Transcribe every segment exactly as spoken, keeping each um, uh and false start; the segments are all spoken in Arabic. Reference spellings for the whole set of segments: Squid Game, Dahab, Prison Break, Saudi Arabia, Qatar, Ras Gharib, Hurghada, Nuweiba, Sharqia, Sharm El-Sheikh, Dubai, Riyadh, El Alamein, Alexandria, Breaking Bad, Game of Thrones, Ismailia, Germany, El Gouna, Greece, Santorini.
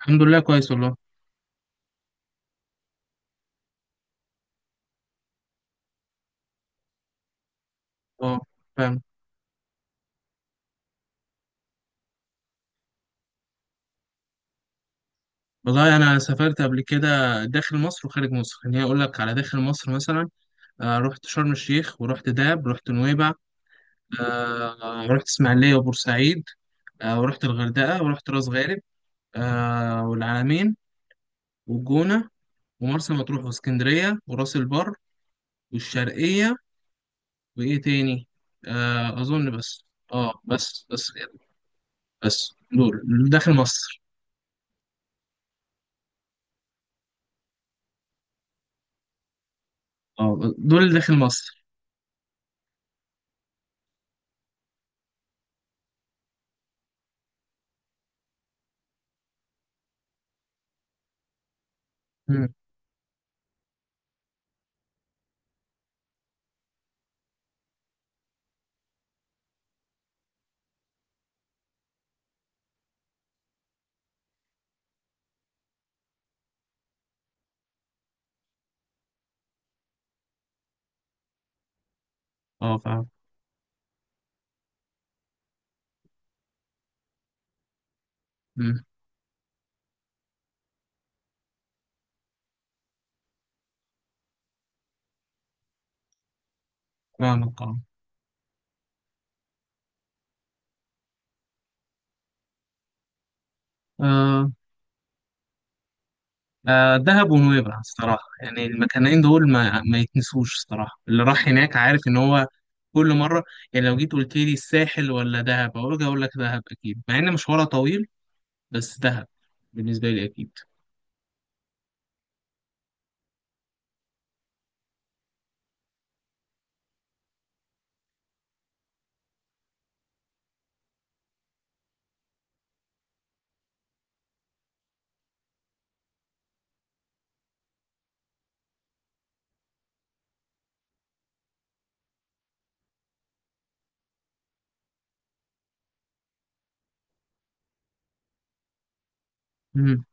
الحمد لله كويس والله. اه فاهم. والله انا سافرت قبل كده داخل مصر وخارج مصر. خليني اقول لك على داخل مصر مثلا، آه رحت شرم الشيخ ورحت دهب رحت نويبع. آه رحت اسماعيليه وبورسعيد. آه ورحت الغردقه ورحت راس غارب، آه والعلمين والجونه ومرسى مطروح واسكندريه وراس البر والشرقيه. وايه تاني؟ آه اظن بس. اه بس بس كده. بس دول داخل مصر. اه، دول داخل مصر. مم. اه، فاهم. فاهمك، اه. آه، آه، دهب ونويبع الصراحة. يعني المكانين دول ما ما يتنسوش الصراحة، اللي راح هناك عارف ان هو كل مرة. يعني لو جيت قلت لي الساحل ولا دهب اقول لك اقول لك دهب اكيد، مع ان مشوارها طويل. بس دهب بالنسبة لي اكيد. مم.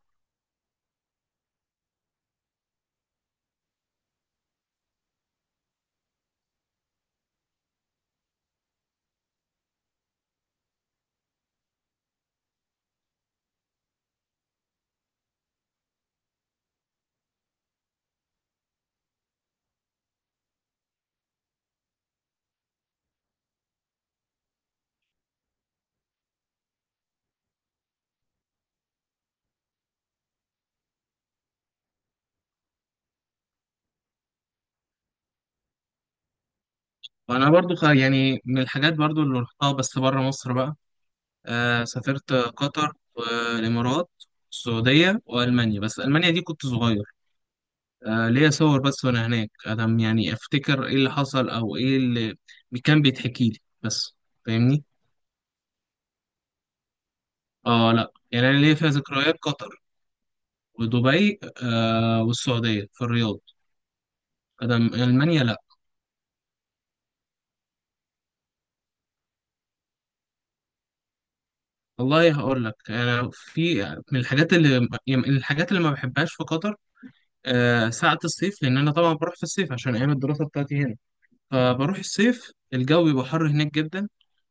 وانا برضو خ- يعني من الحاجات برضو اللي رحتها بس بره مصر بقى. آه سافرت قطر والامارات، السعودية والمانيا. بس المانيا دي كنت صغير، آه ليا صور بس. وانا هناك ادم يعني افتكر ايه اللي حصل او ايه اللي كان بيتحكي لي بس. فاهمني؟ اه، لا، يعني انا ليا فيها ذكريات. قطر ودبي آه والسعوديه في الرياض. ادم المانيا لا. والله هقول لك، انا في من الحاجات اللي، يعني من الحاجات اللي ما بحبهاش في قطر آه ساعه الصيف، لان انا طبعا بروح في الصيف عشان ايام الدراسه بتاعتي هنا. فبروح الصيف الجو بيبقى حر هناك جدا.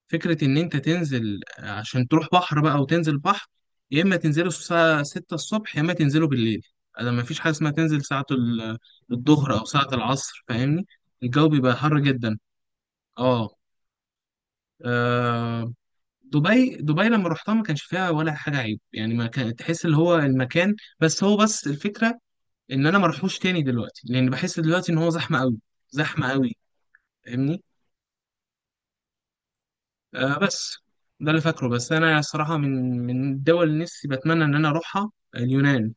فكرة إن أنت تنزل عشان تروح بحر بقى وتنزل بحر، يا إما تنزله الساعة ستة الصبح يا إما تنزله بالليل. أنا مفيش حاجة اسمها تنزل ساعة ال- الظهر أو ساعة العصر. فاهمني؟ الجو بيبقى حر جدا. آه آه، دبي دبي لما رحتها ما كانش فيها ولا حاجة عيب يعني. ما كان تحس اللي هو المكان، بس هو بس الفكرة إن أنا ما اروحوش تاني دلوقتي، لأن بحس دلوقتي إن هو زحمة أوي، زحمة أوي. فاهمني؟ آه بس ده اللي فاكره. بس انا الصراحه من من الدول اللي نفسي بتمنى ان انا اروحها اليونان.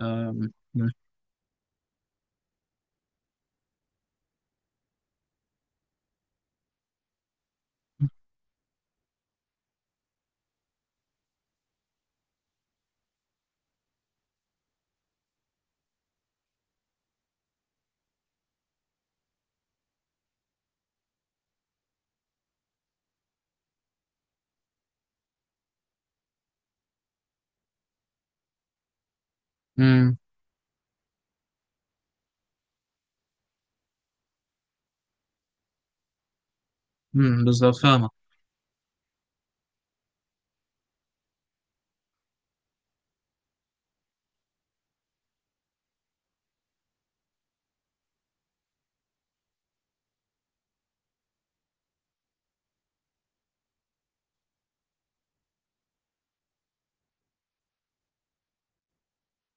آه امم امم بالظبط، فاهمه.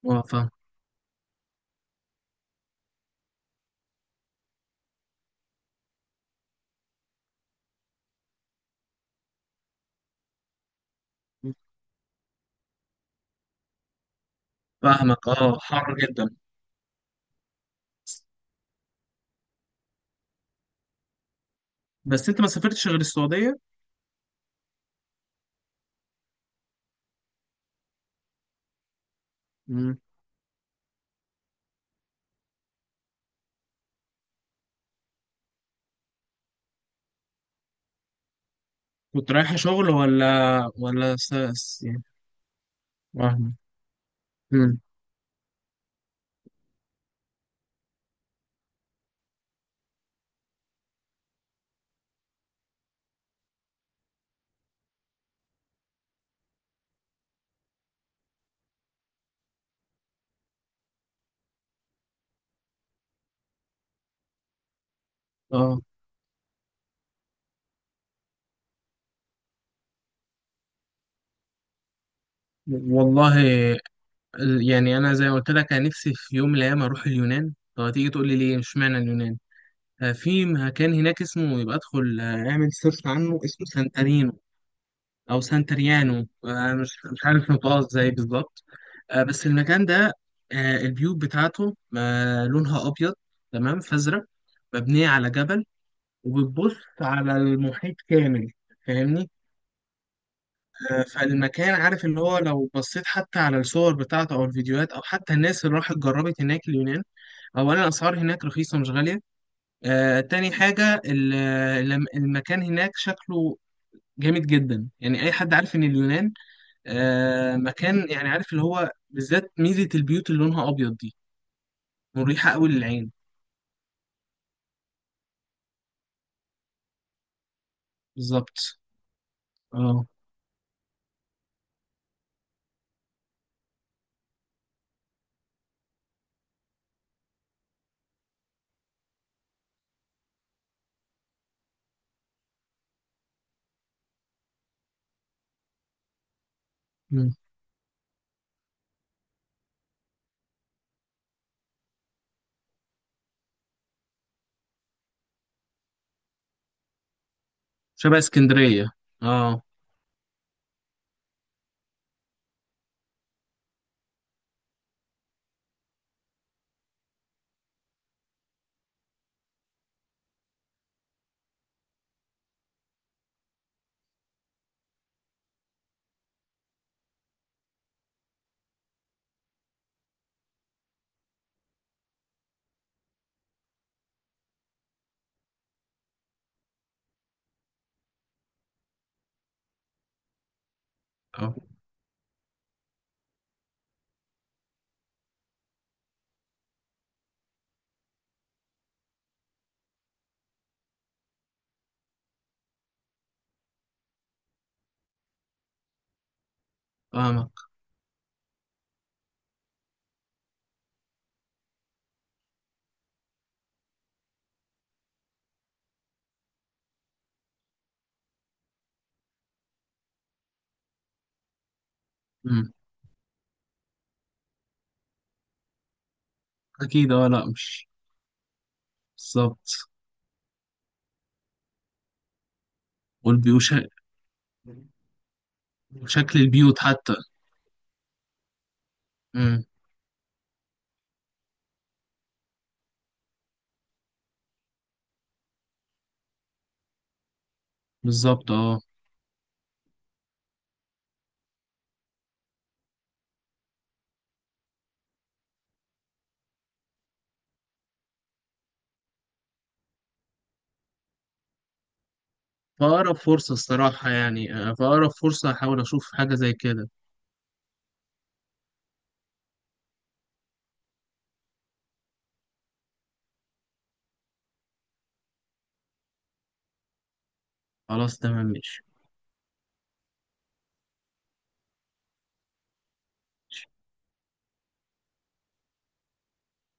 اه، فاهم. فاهمك، اه، حر جدا. بس انت ما سافرتش غير السعوديه؟ مم. كنت رايحه شغل ولا، ولا س... س- يعني. فاهمه. امم اه، والله. ال- يعني انا زي ما قلت لك، انا نفسي في يوم من الايام اروح اليونان. طب هتيجي تقول لي ليه؟ مش معنى اليونان آه، في مكان هناك اسمه، يبقى ادخل آه، اعمل سيرش عنه. اسمه سانتارينو او سانتريانو، آه، مش مش عارف نطقها ازاي بالظبط. آه، بس المكان ده، آه، البيوت بتاعته آه، لونها ابيض، تمام، فازرق، مبنيه على جبل وبتبص على المحيط كامل. فاهمني؟ آه، فالمكان، عارف اللي هو، لو بصيت حتى على الصور بتاعته او الفيديوهات او حتى الناس اللي راحت جربت هناك اليونان. اولا الاسعار هناك رخيصه مش غاليه. آه، تاني حاجه، ال- الم- المكان هناك شكله جامد جدا. يعني اي حد عارف ان اليونان آه مكان يعني عارف اللي هو، بالذات ميزة البيوت اللي لونها أبيض دي مريحة أوي للعين. بالظبط، اه. مم. شبه اسكندرية، اه. اه، فاهمك. مم. أكيد، اه، لأ مش بالظبط. والبيوت، شكل البيوت حتى. امم بالظبط، اه. فأقرب فرصة الصراحة يعني، آه، فأقرب فرصة هحاول أشوف حاجة زي كده. خلاص، تمام، ماشي.